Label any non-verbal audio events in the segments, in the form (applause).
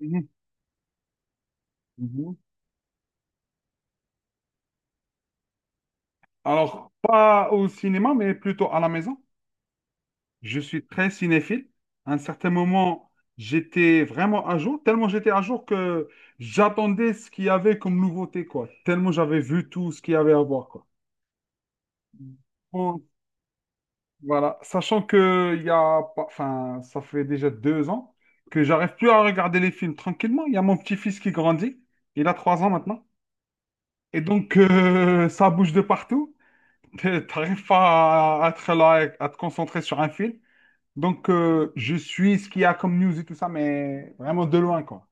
Mhm, mhm. Alors, pas au cinéma, mais plutôt à la maison. Je suis très cinéphile. À un certain moment, j'étais vraiment à jour, tellement j'étais à jour que j'attendais ce qu'il y avait comme nouveauté, quoi. Tellement j'avais vu tout ce qu'il y avait à voir, quoi. Bon, voilà. Sachant que il y a pas, enfin, ça fait déjà 2 ans que j'arrive plus à regarder les films tranquillement. Il y a mon petit-fils qui grandit. Il a 3 ans maintenant. Et donc, (laughs) ça bouge de partout. (laughs) T'arrives pas à, être là, et à te concentrer sur un film. Donc, je suis ce qu'il y a comme news et tout ça, mais vraiment de loin, quoi.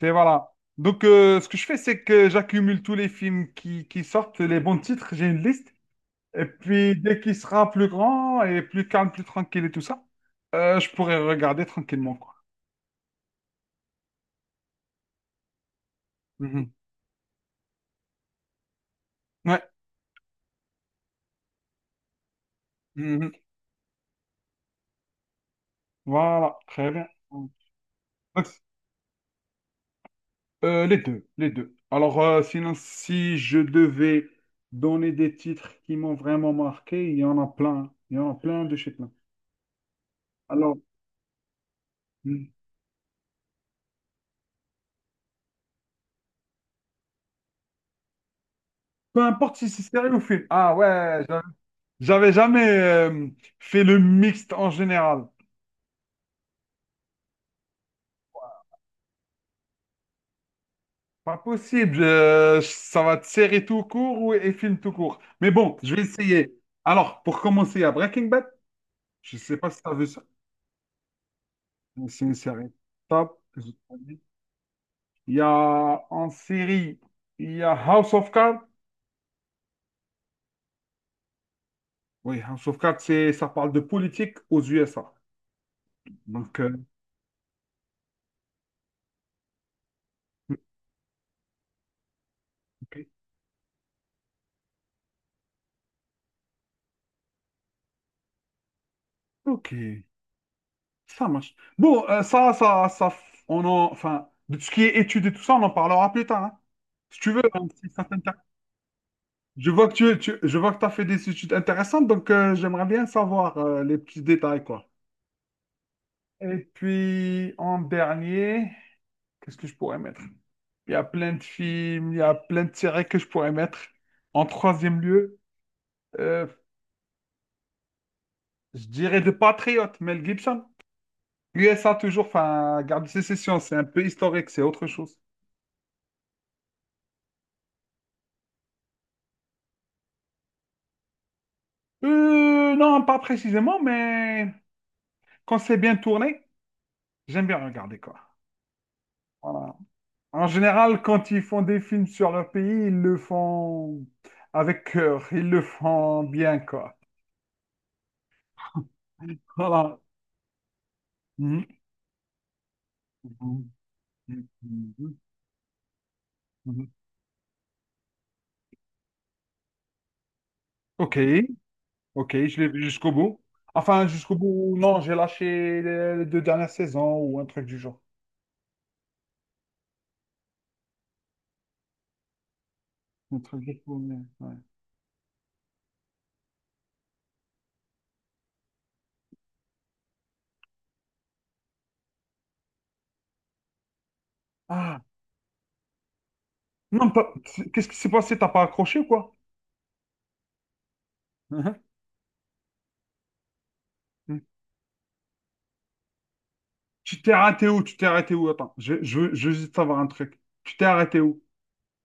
Et voilà. Donc, ce que je fais, c'est que j'accumule tous les films qui sortent, les bons titres, j'ai une liste. Et puis, dès qu'il sera plus grand et plus calme, plus tranquille et tout ça, je pourrai regarder tranquillement, quoi. Mhm. Ouais. Mhm. Voilà. Très bien. Donc, les deux, les deux. Alors, sinon, si je devais donner des titres qui m'ont vraiment marqué, il y en a plein. Il y en a plein de chez plein. Alors, hmm, peu importe si c'est série ou film. Ah ouais, j'avais jamais fait le mixte en général. Pas possible. Ça va être série tout court ou et film tout court. Mais bon, je vais essayer. Alors, pour commencer, à Breaking Bad. Je sais pas si tu as vu ça. Mais C'est une série top. Il y a en série, il y a House of Cards. Oui, House of Cards, c'est, ça parle de politique aux USA. Donc, ok, ok, ça marche. Bon, enfin, de tout ce qui est études et tout ça, on en parlera plus tard, hein. Si tu veux, hein, si ça t'intéresse. Je vois que tu as fait des études intéressantes, donc j'aimerais bien savoir les petits détails, quoi. Et puis, en dernier, qu'est-ce que je pourrais mettre? Il y a plein de films, il y a plein de séries que je pourrais mettre. En troisième lieu, euh, je dirais de Patriote, Mel Gibson. USA toujours, enfin, garde de sécession, c'est un peu historique, c'est autre chose. Non, pas précisément, mais quand c'est bien tourné, j'aime bien regarder quoi. Voilà. En général, quand ils font des films sur leur pays, ils le font avec cœur, ils le font bien quoi. (laughs) Voilà. Mhm. Mhm. Mhm. Ok. Ok, je l'ai vu jusqu'au bout. Enfin, jusqu'au bout, non, j'ai lâché les deux dernières saisons ou un truc du genre. Un truc du genre, mais, ouais. Ah, non, qu'est-ce qui s'est passé? T'as pas accroché ou quoi? Hein. Tu t'es arrêté où? Tu t'es arrêté où? Attends, je veux juste savoir un truc. Tu t'es arrêté où?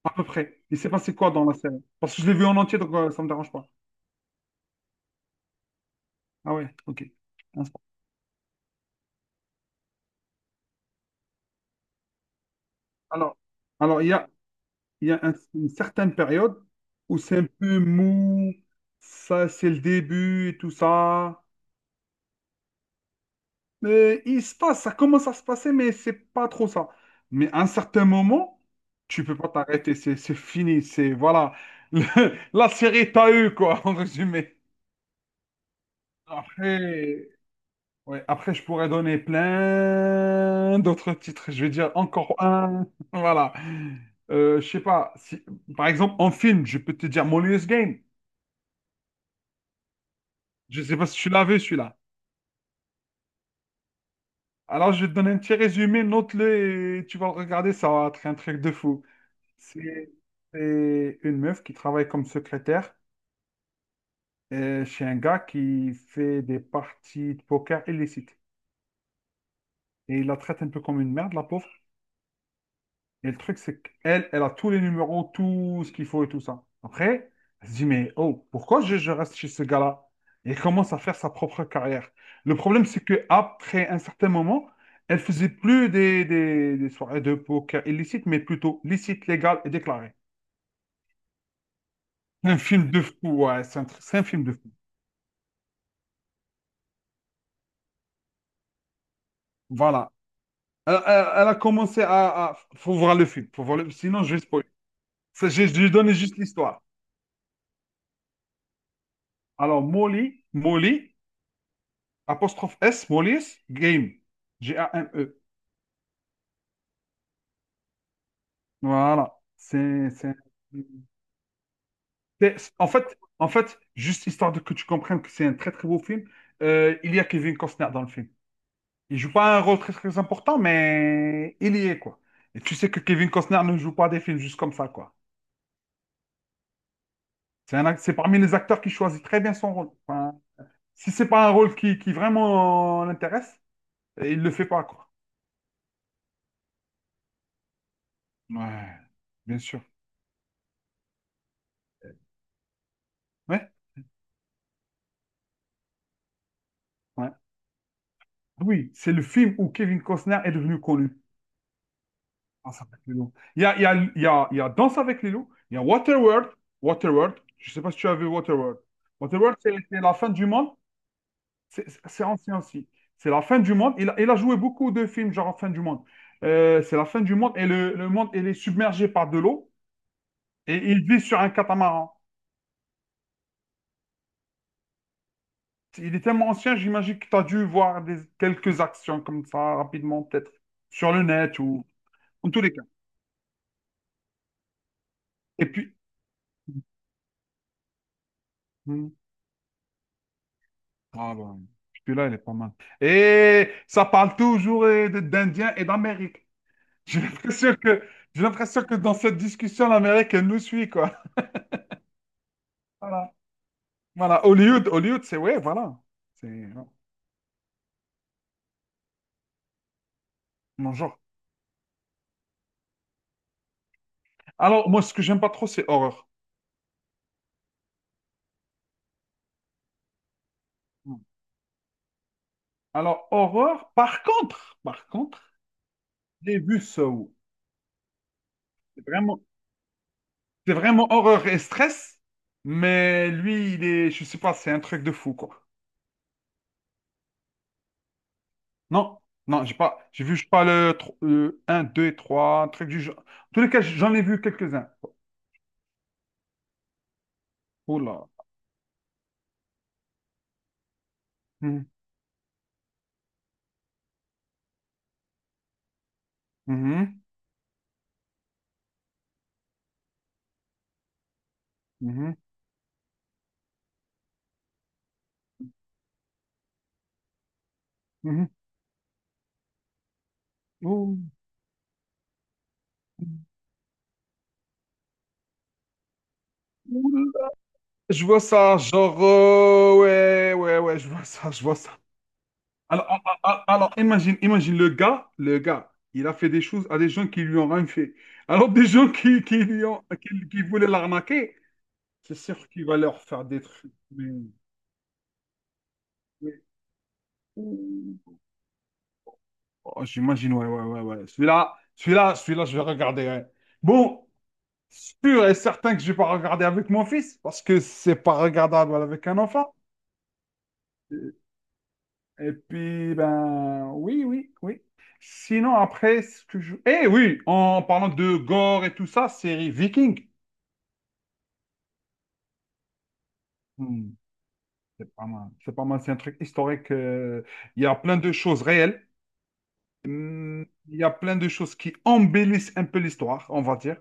À peu près. Il s'est passé quoi dans la série? Parce que je l'ai vu en entier, donc ça me dérange pas. Ah ouais, ok. Alors, alors, il y a une certaine période où c'est un peu mou, ça c'est le début et tout ça. Mais il se passe, ça commence à se passer, mais c'est pas trop ça. Mais à un certain moment, tu peux pas t'arrêter, c'est fini, c'est voilà. (laughs) La série t'a eu, quoi, en résumé. Après, ouais, après, je pourrais donner plein d'autres titres. Je vais dire encore un. (laughs) Voilà. Je sais pas. Si, par exemple, en film, je peux te dire Molly's Game. Je sais pas si tu l'as vu, celui-là. Alors, je vais te donner un petit résumé, note-le et tu vas le regarder, ça va être un truc de fou. C'est c'est une meuf qui travaille comme secrétaire chez un gars qui fait des parties de poker illicites. Et il la traite un peu comme une merde, la pauvre. Et le truc, c'est qu'elle, elle a tous les numéros, tout ce qu'il faut et tout ça. Après, elle se dit, mais oh, pourquoi je reste chez ce gars-là? Et elle commence à faire sa propre carrière. Le problème, c'est que après un certain moment, elle faisait plus des soirées de poker illicites, mais plutôt licites, légales et déclarées. Un film de fou, ouais, c'est un film de fou. Voilà. Elle a commencé Faut voir le film. Faut voir le... Sinon, je vais spoiler. Je lui donne juste l'histoire. Alors, Molly, Molly, apostrophe S, Molly's Game. Game. Voilà. C'est- En fait, en fait, juste histoire de que tu comprennes que c'est un très, très beau film, il y a Kevin Costner dans le film. Il joue pas un rôle très, très important, mais il y est, quoi. Et tu sais que Kevin Costner ne joue pas des films juste comme ça, quoi. C'est parmi les acteurs qui choisit très bien son rôle. Enfin, si c'est pas un rôle qui vraiment l'intéresse, il le fait pas, quoi. Ouais, bien sûr. Ouais. Ouais. Oui, c'est le film où Kevin Costner est devenu connu. Danse avec les loups. Il y a, il y a, il y a, il y a Danse avec les loups, il y a Waterworld. Waterworld, je sais pas si tu as vu Waterworld. Waterworld, c'est la fin du monde. C'est ancien aussi. C'est la fin du monde. Il a joué beaucoup de films genre fin du monde. C'est la fin du monde et le monde il est submergé par de l'eau et il vit sur un catamaran. Il est tellement ancien, j'imagine que tu as dû voir des, quelques actions comme ça rapidement, peut-être sur le net ou en tous les cas. Et puis, hmm, ah ben, celui-là, il est pas mal. Et ça parle toujours d'Indiens et d'Amérique. J'ai l'impression que, j'ai l'impression que dans cette discussion, l'Amérique, elle nous suit, quoi. Voilà. Voilà. Hollywood, Hollywood, c'est ouais, voilà. C'est mon genre. Alors, moi, ce que j'aime pas trop, c'est horreur. Hmm. Alors, horreur, par contre, j'ai vu Saw. C'est vraiment C'est vraiment horreur et stress, mais lui, il est, je sais pas, c'est un truc de fou, quoi. Non, non, j'ai pas, j'ai vu, je sais pas, le un 2 et 3, un truc du genre. En tous les cas, j'en ai vu quelques-uns. Oh là. Mhm, mhm, mhm, mhm. Ouh. Ouh là. Je vois ça, genre, ouais, ouais, ouais, je vois ça, je vois ça. Alors, imagine, imagine le gars, il a fait des choses à des gens qui lui ont rien fait. Alors, des gens qui, lui ont, qui voulaient l'arnaquer, c'est sûr qu'il va leur faire des trucs. Mais- Ouh. Oh, j'imagine, ouais, ouais, ouais, ouais. Celui-là, celui-là, celui-là, je vais regarder, ouais. Bon, sûr et certain que je vais pas regarder avec mon fils, parce que c'est pas regardable avec un enfant. Et puis, ben, oui, oui, oui. Sinon, après, ce que je... Eh oui, en parlant de gore et tout ça, série Viking. Hmm, c'est pas mal. C'est pas mal, c'est un truc historique. Il y a plein de choses réelles. Hum, Il y a plein de choses qui embellissent un peu l'histoire, on va dire.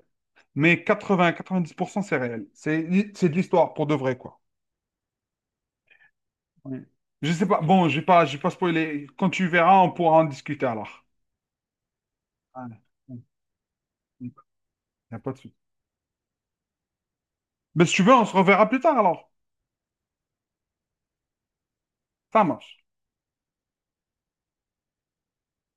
Mais 80-90% c'est réel. C'est de l'histoire pour de vrai, quoi. Ouais. Je sais pas. Bon, je vais pas spoiler. Quand tu verras, on pourra en discuter alors. Ouais. Ouais. Il n'y a pas de souci. Mais si tu veux, on se reverra plus tard alors. Ça marche.